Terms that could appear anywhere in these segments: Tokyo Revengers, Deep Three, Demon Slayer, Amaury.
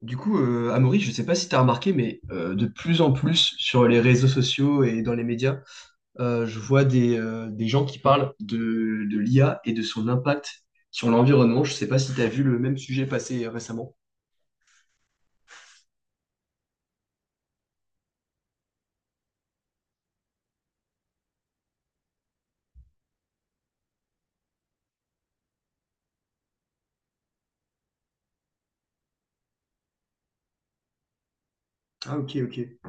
Du coup, Amaury, je ne sais pas si tu as remarqué, mais de plus en plus sur les réseaux sociaux et dans les médias, je vois des gens qui parlent de l'IA et de son impact sur l'environnement. Je ne sais pas si tu as vu le même sujet passer récemment. Ah, ok, ok.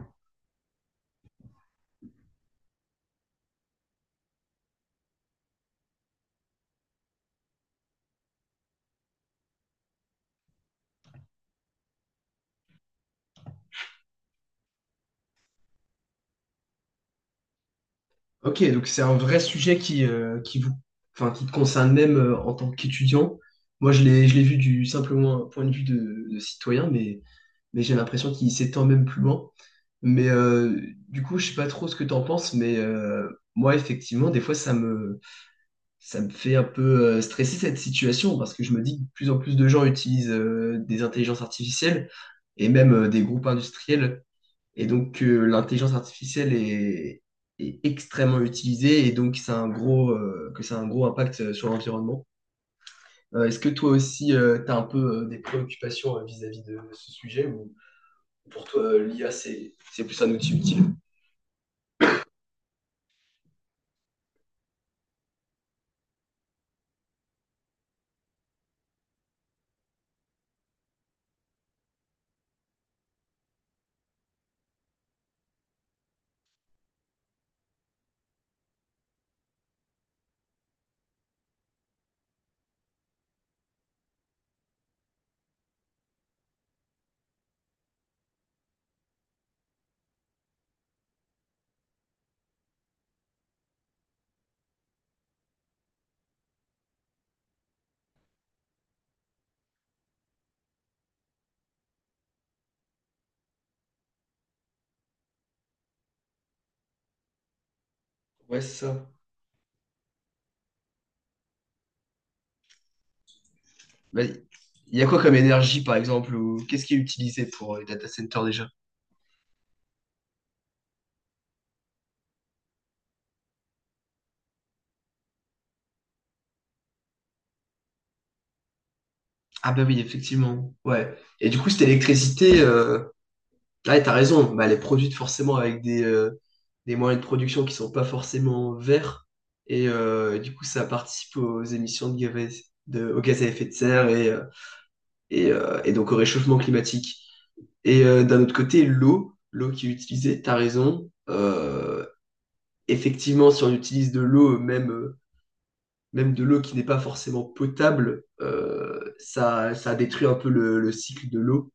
Ok, donc c'est un vrai sujet qui vous, enfin, qui te concerne même en tant qu'étudiant. Moi, je l'ai vu du simplement un point de vue de citoyen, mais j'ai l'impression qu'il s'étend même plus loin. Mais du coup, je sais pas trop ce que tu en penses, mais moi, effectivement, des fois, ça me fait un peu stresser cette situation parce que je me dis que de plus en plus de gens utilisent des intelligences artificielles et même des groupes industriels et donc, l'intelligence artificielle est extrêmement utilisée et donc ça a un gros, que ça a un gros impact sur l'environnement. Est-ce que toi aussi, tu as un peu des préoccupations vis-à-vis de ce sujet ou pour toi, l'IA, c'est plus un outil utile? Ouais, c'est ça. Bah, il y a quoi comme énergie, par exemple, ou qu'est-ce qui est utilisé pour les data centers déjà? Ah bah oui, effectivement. Ouais. Et du coup, cette électricité, là, tu as raison, bah, elle est produite forcément avec des moyens de production qui sont pas forcément verts. Et du coup, ça participe aux émissions de gaz à effet de serre et donc au réchauffement climatique. Et d'un autre côté, l'eau qui est utilisée, tu as raison. Effectivement, si on utilise de l'eau, même de l'eau qui n'est pas forcément potable, ça détruit un peu le cycle de l'eau.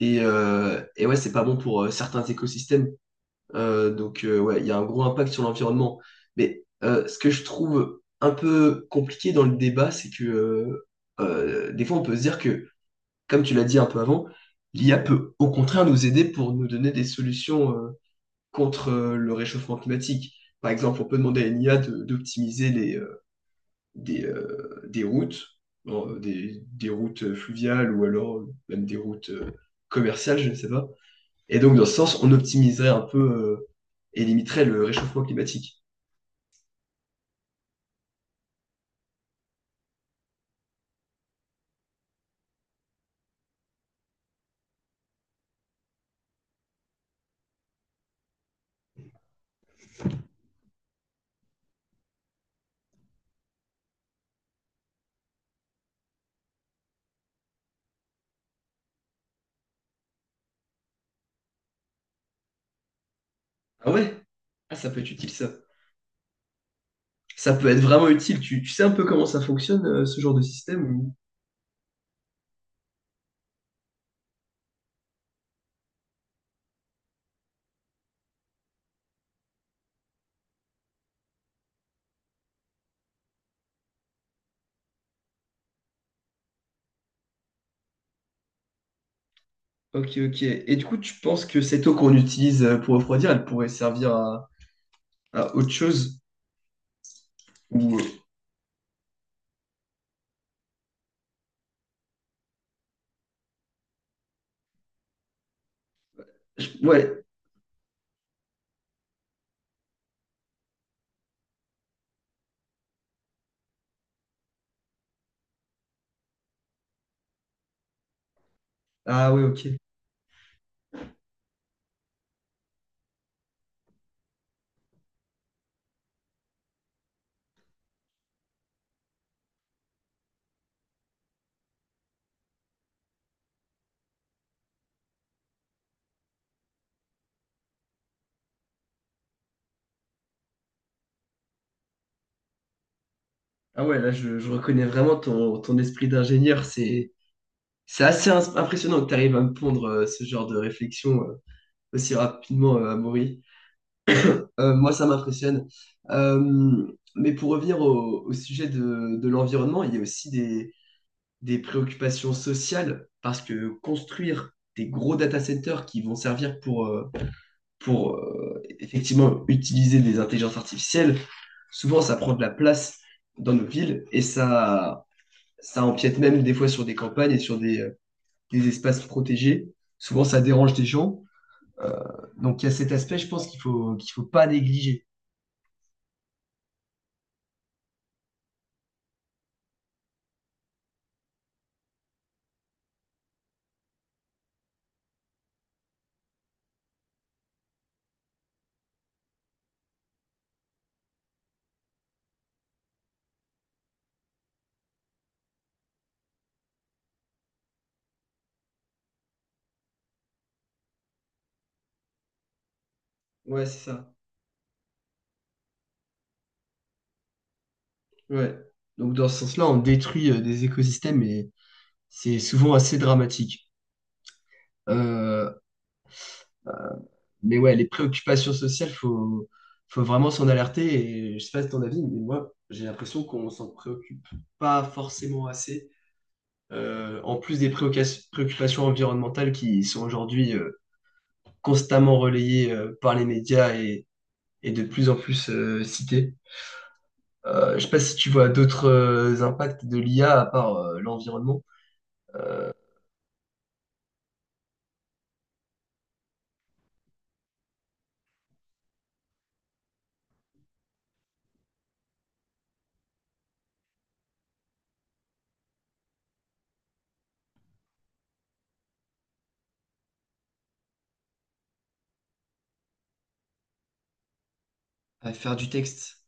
Et ouais, c'est pas bon pour certains écosystèmes. Donc, ouais, il y a un gros impact sur l'environnement. Mais ce que je trouve un peu compliqué dans le débat, c'est que des fois, on peut se dire que, comme tu l'as dit un peu avant, l'IA peut au contraire nous aider pour nous donner des solutions contre le réchauffement climatique. Par exemple, on peut demander à une IA d'optimiser des routes, des routes fluviales ou alors même des routes commerciales, je ne sais pas, et donc, dans ce sens, on optimiserait un peu et limiterait le réchauffement climatique. Ah ouais? Ah, ça peut être utile, ça. Ça peut être vraiment utile. Tu sais un peu comment ça fonctionne, ce genre de système? Ou... ok, ok. Et du coup, tu penses que cette eau qu'on utilise pour refroidir, elle pourrait servir à autre chose? Ou... ouais. Ah ouais, ok. Ah ouais, là, je reconnais vraiment ton esprit d'ingénieur. C'est assez impressionnant que tu arrives à me pondre ce genre de réflexion aussi rapidement, Amaury. Moi, ça m'impressionne. Euh, mais pour revenir au sujet de l'environnement, il y a aussi des préoccupations sociales parce que construire des gros data centers qui vont servir pour effectivement utiliser des intelligences artificielles, souvent ça prend de la place dans nos villes et ça empiète même des fois sur des campagnes et sur des espaces protégés. Souvent, ça dérange des gens. Euh, donc, il y a cet aspect, je pense, qu'il faut pas négliger. Ouais, c'est ça. Ouais. Donc dans ce sens-là, on détruit des écosystèmes et c'est souvent assez dramatique. Euh, mais ouais, les préoccupations sociales, faut vraiment s'en alerter. Et je sais pas si ton avis, mais moi, j'ai l'impression qu'on s'en préoccupe pas forcément assez. En plus des préoccupations environnementales qui sont aujourd'hui constamment relayées par les médias et de plus en plus citées. Je sais pas si tu vois d'autres impacts de l'IA à part l'environnement. À faire du texte,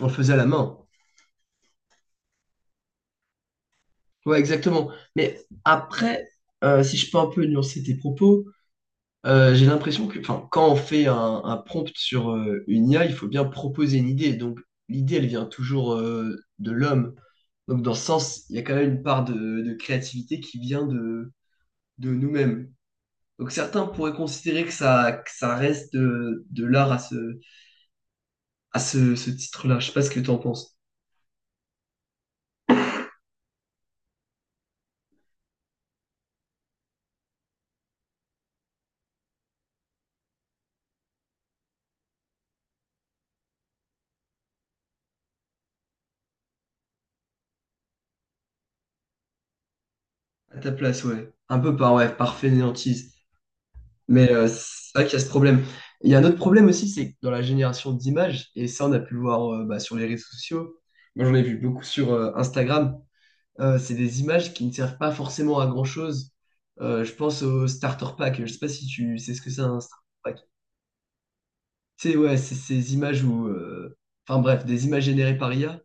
on le faisait à la main. Ouais, exactement. Mais après, si je peux un peu nuancer tes propos, j'ai l'impression que enfin, quand on fait un prompt sur une IA, il faut bien proposer une idée. Donc l'idée, elle vient toujours de l'homme. Donc dans ce sens, il y a quand même une part de créativité qui vient de nous-mêmes. Donc certains pourraient considérer que ça reste de l'art à ce titre-là. Je sais pas ce que tu en penses. À ta place, ouais. Un peu par, ouais, par fainéantise. Mais c'est vrai qu'il y a ce problème. Il y a un autre problème aussi, c'est que dans la génération d'images, et ça on a pu le voir bah, sur les réseaux sociaux, moi j'en ai vu beaucoup sur Instagram, c'est des images qui ne servent pas forcément à grand-chose. Je pense au starter pack, je sais pas si tu sais ce que c'est un starter pack. Tu ouais, c'est ces images où... enfin bref, des images générées par IA.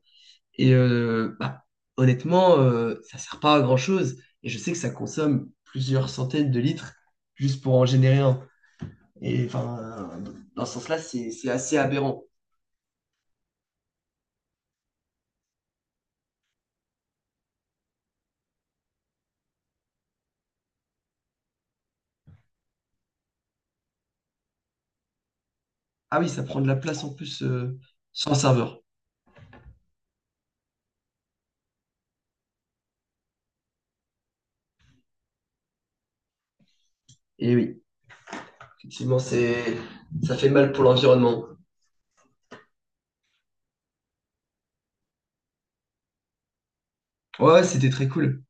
Et honnêtement, ça sert pas à grand-chose. Et je sais que ça consomme plusieurs centaines de litres juste pour en générer un. Et enfin, dans ce sens-là, c'est assez aberrant. Ah oui, ça prend de la place en plus sur le serveur. Et oui, effectivement, c'est ça fait mal pour l'environnement. Ouais, ouais, c'était très cool.